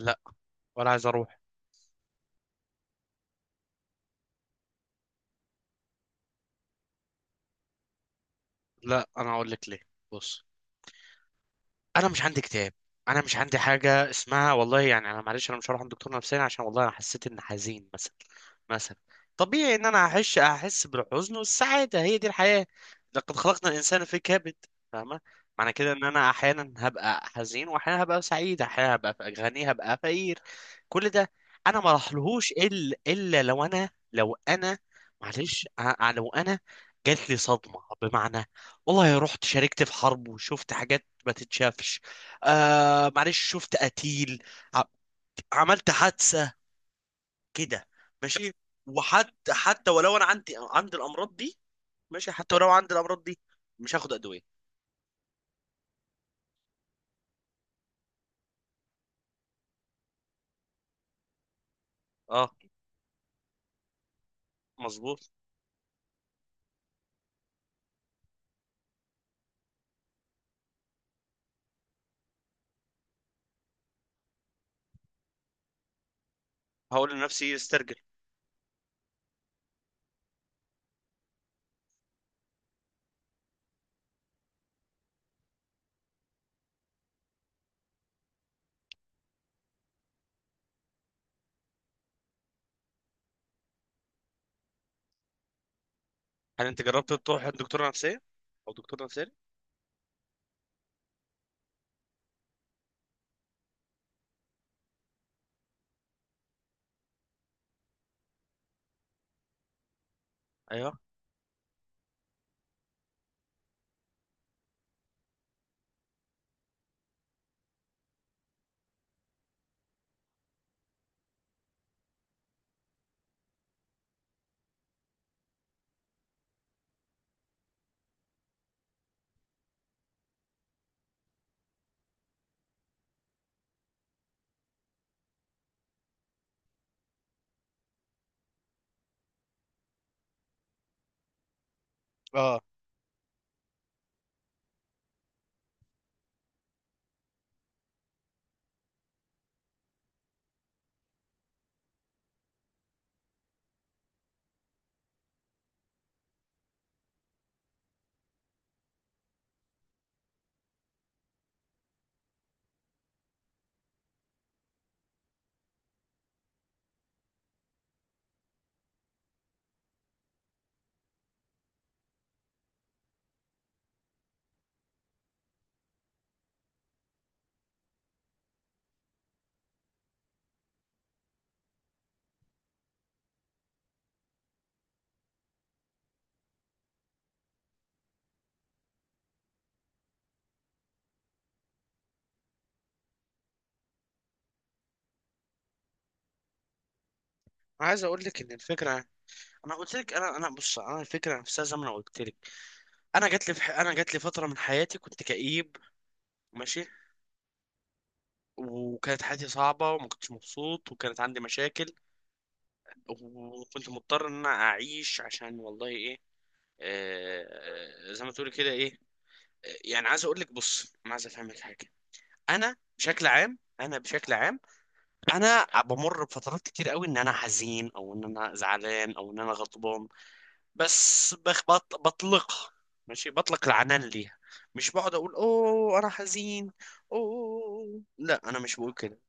لا. ولا عايز اروح. لا، انا اقول لك ليه. بص. انا مش عندي كتاب. انا مش عندي حاجه اسمها. والله يعني انا معلش انا مش هروح عند دكتور نفساني عشان والله انا حسيت ان حزين مثلا. مثلا طبيعي ان انا احس بالحزن والسعاده، هي دي الحياه. لقد خلقنا الانسان في كبد. فاهمه؟ معنى كده ان انا احيانا هبقى حزين، واحيانا هبقى سعيد، احيانا هبقى غني، هبقى فقير. كل ده. انا ما راحلهوش الا لو انا معلش لو انا جات لي صدمه، بمعنى، والله رحت شاركت في حرب وشفت حاجات ما تتشافش. آه معلش، شفت قتيل. ع- عملت حادثة، كده. ماشي. وحتى حتى ولو انا عندي الامراض دي، ماشي، حتى ولو عندي الامراض دي مش هاخد ادوية. اه، مظبوط. هقول لنفسي استرجل. هل انت جربت تروح عند دكتورة نفسية او دكتور نفساني؟ ايوه. اه. انا عايز اقول لك ان الفكره، انا قلت لك انا. بص، انا الفكره نفسها زي ما انا قلت لك. انا جات لي فتره من حياتي كنت كئيب. ماشي. وكانت حياتي صعبة وما كنتش مبسوط وكانت عندي مشاكل، وكنت مضطر ان انا اعيش عشان والله ايه. آه، آه، زي ما تقولي كده ايه. آه، يعني عايز اقول لك، بص انا عايز افهمك حاجة. انا بشكل عام انا بمر بفترات كتير قوي ان انا حزين، او ان انا زعلان، او ان انا غضبان. بس بطلقها، ماشي، بطلق العنان ليها. مش بقعد اقول اوه انا حزين. اوه لا، انا مش بقول كده.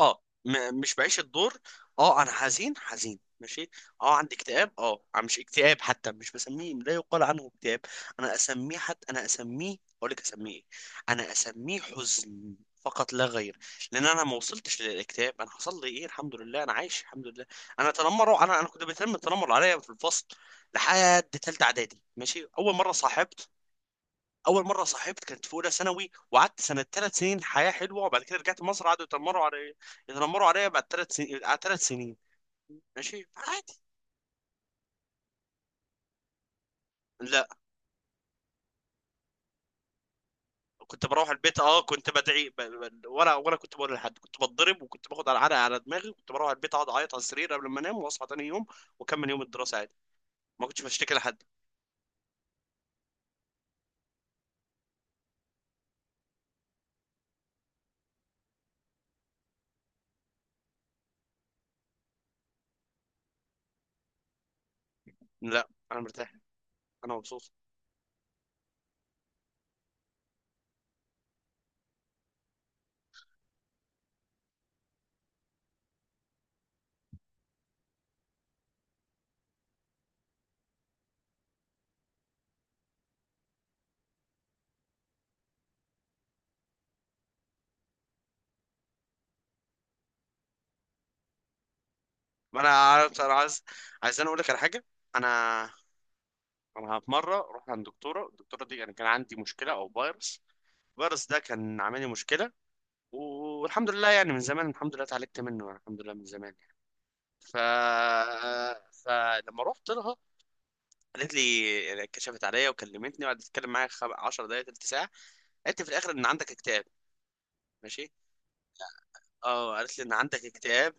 اه، مش بعيش الدور. اه، انا حزين حزين، ماشي. اه، عندي اكتئاب. اه، أنا مش اكتئاب حتى، مش بسميه، لا يقال عنه اكتئاب. انا اسميه حتى، انا اسميه، اقول لك اسميه ايه. انا اسميه حزن فقط لا غير. لان انا ما وصلتش للاكتئاب. انا حصل لي ايه؟ الحمد لله انا عايش، الحمد لله. انا تنمروا، انا كنت بيتم التنمر عليا في الفصل لحد تالتة اعدادي. ماشي. اول مره صاحبت كانت في اولى ثانوي، وقعدت سنه ثلاث سنين، حياه حلوه. وبعد كده رجعت مصر، قعدوا يتنمروا عليا بعد ثلاث سنين، على ثلاث سنين. ماشي، عادي. لا، كنت بروح البيت. اه، كنت بدعي، ولا كنت بقول لحد. كنت بتضرب، وكنت باخد على علقه على دماغي، وكنت بروح البيت اقعد اعيط على السرير قبل ما انام، واصحى تاني يوم واكمل يوم الدراسه عادي. ما كنتش بشتكي لحد. لا، انا مرتاح. انا مبسوط. ما انا عارف. انا عايز انا اقول لك على حاجه. انا انا في مره رحت عند دكتوره. الدكتوره دي، يعني، كان عندي مشكله او فيروس. الفيروس ده كان عامل لي مشكله، والحمد لله يعني من زمان، الحمد لله اتعالجت منه، يعني الحمد لله من زمان يعني. ف فلما رحت لها، قالت لي، يعني كشفت عليا وكلمتني وقعدت تتكلم معايا 10 دقائق، تلت ساعه. قالت لي في الاخر ان عندك اكتئاب. ماشي. اه، قالت لي ان عندك اكتئاب.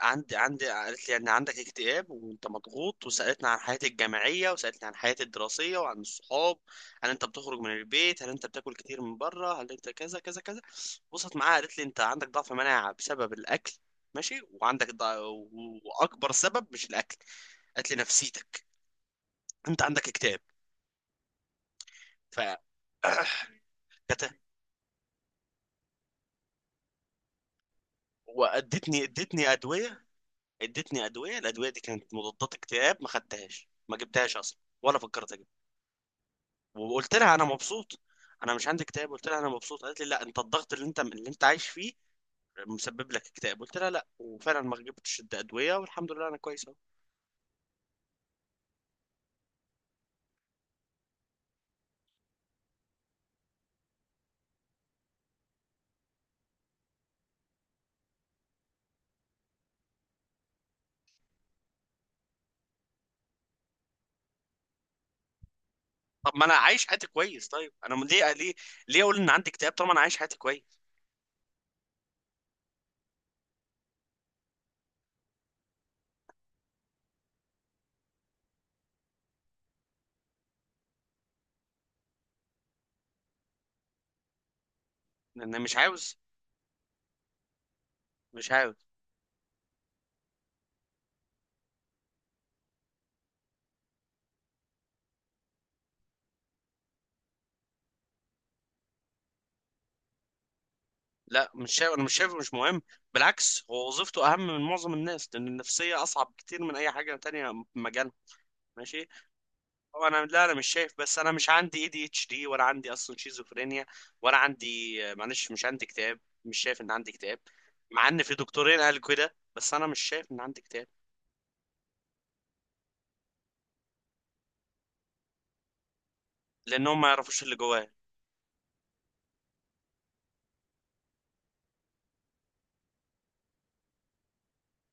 عندي قالت لي ان عندك اكتئاب وانت مضغوط، وسالتني عن حياتي الجامعيه، وسالتني عن حياتي الدراسيه وعن الصحاب. هل انت بتخرج من البيت؟ هل انت بتاكل كتير من بره؟ هل انت كذا كذا كذا؟ بصت معاها قالت لي انت عندك ضعف مناعه بسبب الاكل. ماشي، وعندك و- واكبر سبب مش الاكل. قالت لي نفسيتك، انت عندك اكتئاب. ف كت- وادتني ادتني ادويه. ادتني ادويه، الادويه دي كانت مضادات اكتئاب. ما خدتهاش، ما جبتهاش اصلا، ولا فكرت. وقلت لها انا مبسوط، انا مش عندي اكتئاب. قلت لها انا مبسوط. قالت لي لا، انت الضغط اللي انت عايش فيه مسبب لك اكتئاب. قلت لها لا، وفعلا ما جبتش ادويه، والحمد لله انا كويس اهو. طب ما انا عايش حياتي كويس، طيب انا ليه اقول ان عندي اكتئاب طالما انا عايش حياتي كويس؟ لان مش عاوز. مش عاوز لا، مش شايف، انا مش شايفه مش مهم. بالعكس، هو وظيفته اهم من معظم الناس، لان النفسيه اصعب كتير من اي حاجه تانية في مجالها، ماشي. هو انا، لا انا مش شايف، بس انا مش عندي ADHD ولا عندي اصلا شيزوفرينيا. ولا عندي، معلش، مش عندي اكتئاب، مش شايف ان عندي اكتئاب. مع ان في دكتورين قالوا كده، بس انا مش شايف ان عندي اكتئاب. لانهم ما يعرفوش اللي جوايا.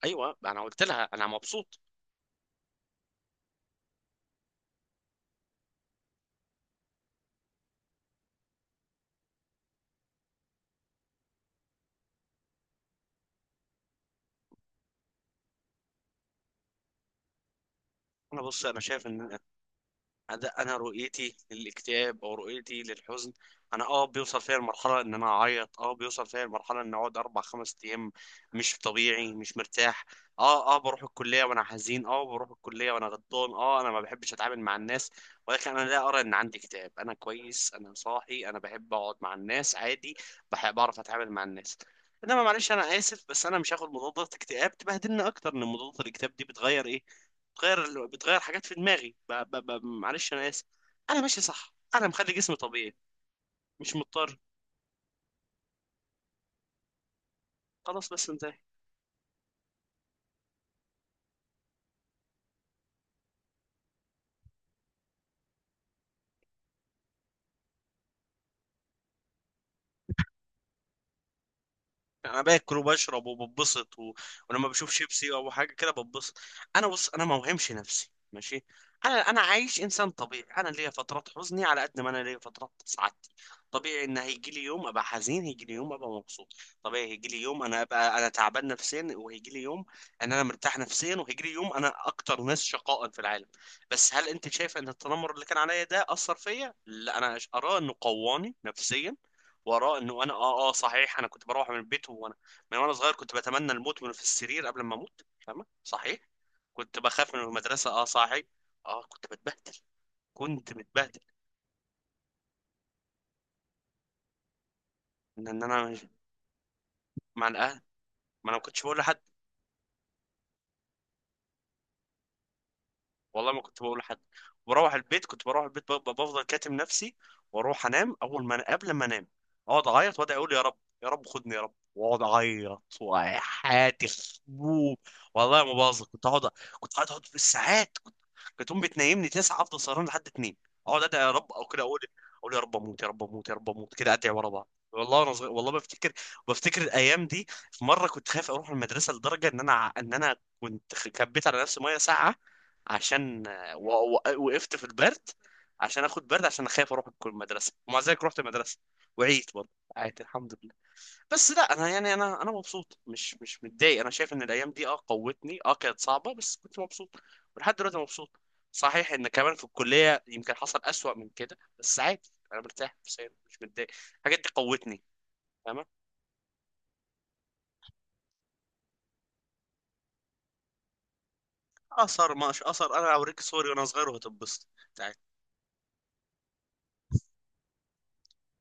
ايوه، انا قلت لها انا مبسوط. انا بص، انا شايف ان ده، انا رؤيتي للاكتئاب او رؤيتي للحزن. انا بيوصل فيا المرحله ان انا اعيط، بيوصل فيا المرحله ان اقعد اربع خمس ايام مش طبيعي، مش مرتاح. اه بروح الكليه وانا حزين، بروح الكليه وانا غضبان. اه انا ما بحبش اتعامل مع الناس، ولكن انا لا ارى ان عندي اكتئاب. انا كويس، انا صاحي، انا بحب اقعد مع الناس عادي، بحب بعرف اتعامل مع الناس. انما معلش انا اسف، بس انا مش هاخد مضادات اكتئاب تبهدلنا اكتر. ان مضادات الاكتئاب دي بتغير ايه؟ بتغير حاجات في دماغي، معلش انا اسف. انا ماشي صح، انا مخلي جسمي طبيعي. مش مضطر. خلاص، بس انت، يعني انا باكل وبشرب وببسط و... ولما بشوف شيبسي او حاجه كده ببسط. انا بص، انا ما وهمش نفسي، ماشي. انا عايش انسان طبيعي. انا ليا فترات حزني على قد ما انا ليا فترات سعادتي. طبيعي ان هيجي لي يوم ابقى حزين، هيجي لي يوم ابقى مبسوط. طبيعي هيجي لي يوم انا ابقى انا تعبان نفسيا، وهيجي لي يوم ان انا مرتاح نفسيا، وهيجي لي يوم انا اكتر ناس شقاء في العالم. بس هل انت شايف ان التنمر اللي كان عليا ده اثر فيا؟ لا، انا اراه انه قواني نفسيا. وراء انه انا صحيح، انا كنت بروح من البيت وانا صغير كنت بتمنى الموت وانا في السرير قبل ما اموت. فاهمه؟ صحيح كنت بخاف من المدرسه. اه صحيح، اه كنت بتبهدل، كنت متبهدل. ان انا مع الاهل، ما انا ما كنتش بقول لحد. والله ما كنت بقول لحد. بروح البيت، كنت بروح البيت بفضل كاتم نفسي، واروح انام اول ما قبل ما انام اقعد اعيط واقعد اقول يا رب، يا رب خدني، يا رب، واقعد اعيط وحياتي خروب. والله ما بهزر، كنت اقعد، كنت قاعد اقعد بالساعات. كنت، كانت امي بتنيمني 9، افضل سهران لحد 2. اقعد ادعي يا رب او كده، اقول يا رب اموت، يا رب اموت، يا رب اموت، كده ادعي ورا بعض. والله انا صغير، والله بفتكر الايام دي. في مره كنت خايف اروح المدرسه لدرجه ان انا، ان انا كنت كبيت على نفسي ميه ساقعه عشان، و- و- وقفت في البرد عشان اخد برد، عشان اخاف اروح المدرسه. ومع ذلك رحت المدرسه، وعيت برضه عادي الحمد لله. بس لا انا يعني، انا مبسوط، مش متضايق. انا شايف ان الايام دي قوتني. اه كانت صعبه بس كنت مبسوط، ولحد دلوقتي مبسوط. صحيح ان كمان في الكليه يمكن حصل اسوأ من كده، بس عادي، انا مرتاح نفسياً، مش متضايق. الحاجات دي قوتني. تمام. اثر؟ مش اثر، انا اوريك صوري وانا صغير وهتنبسط.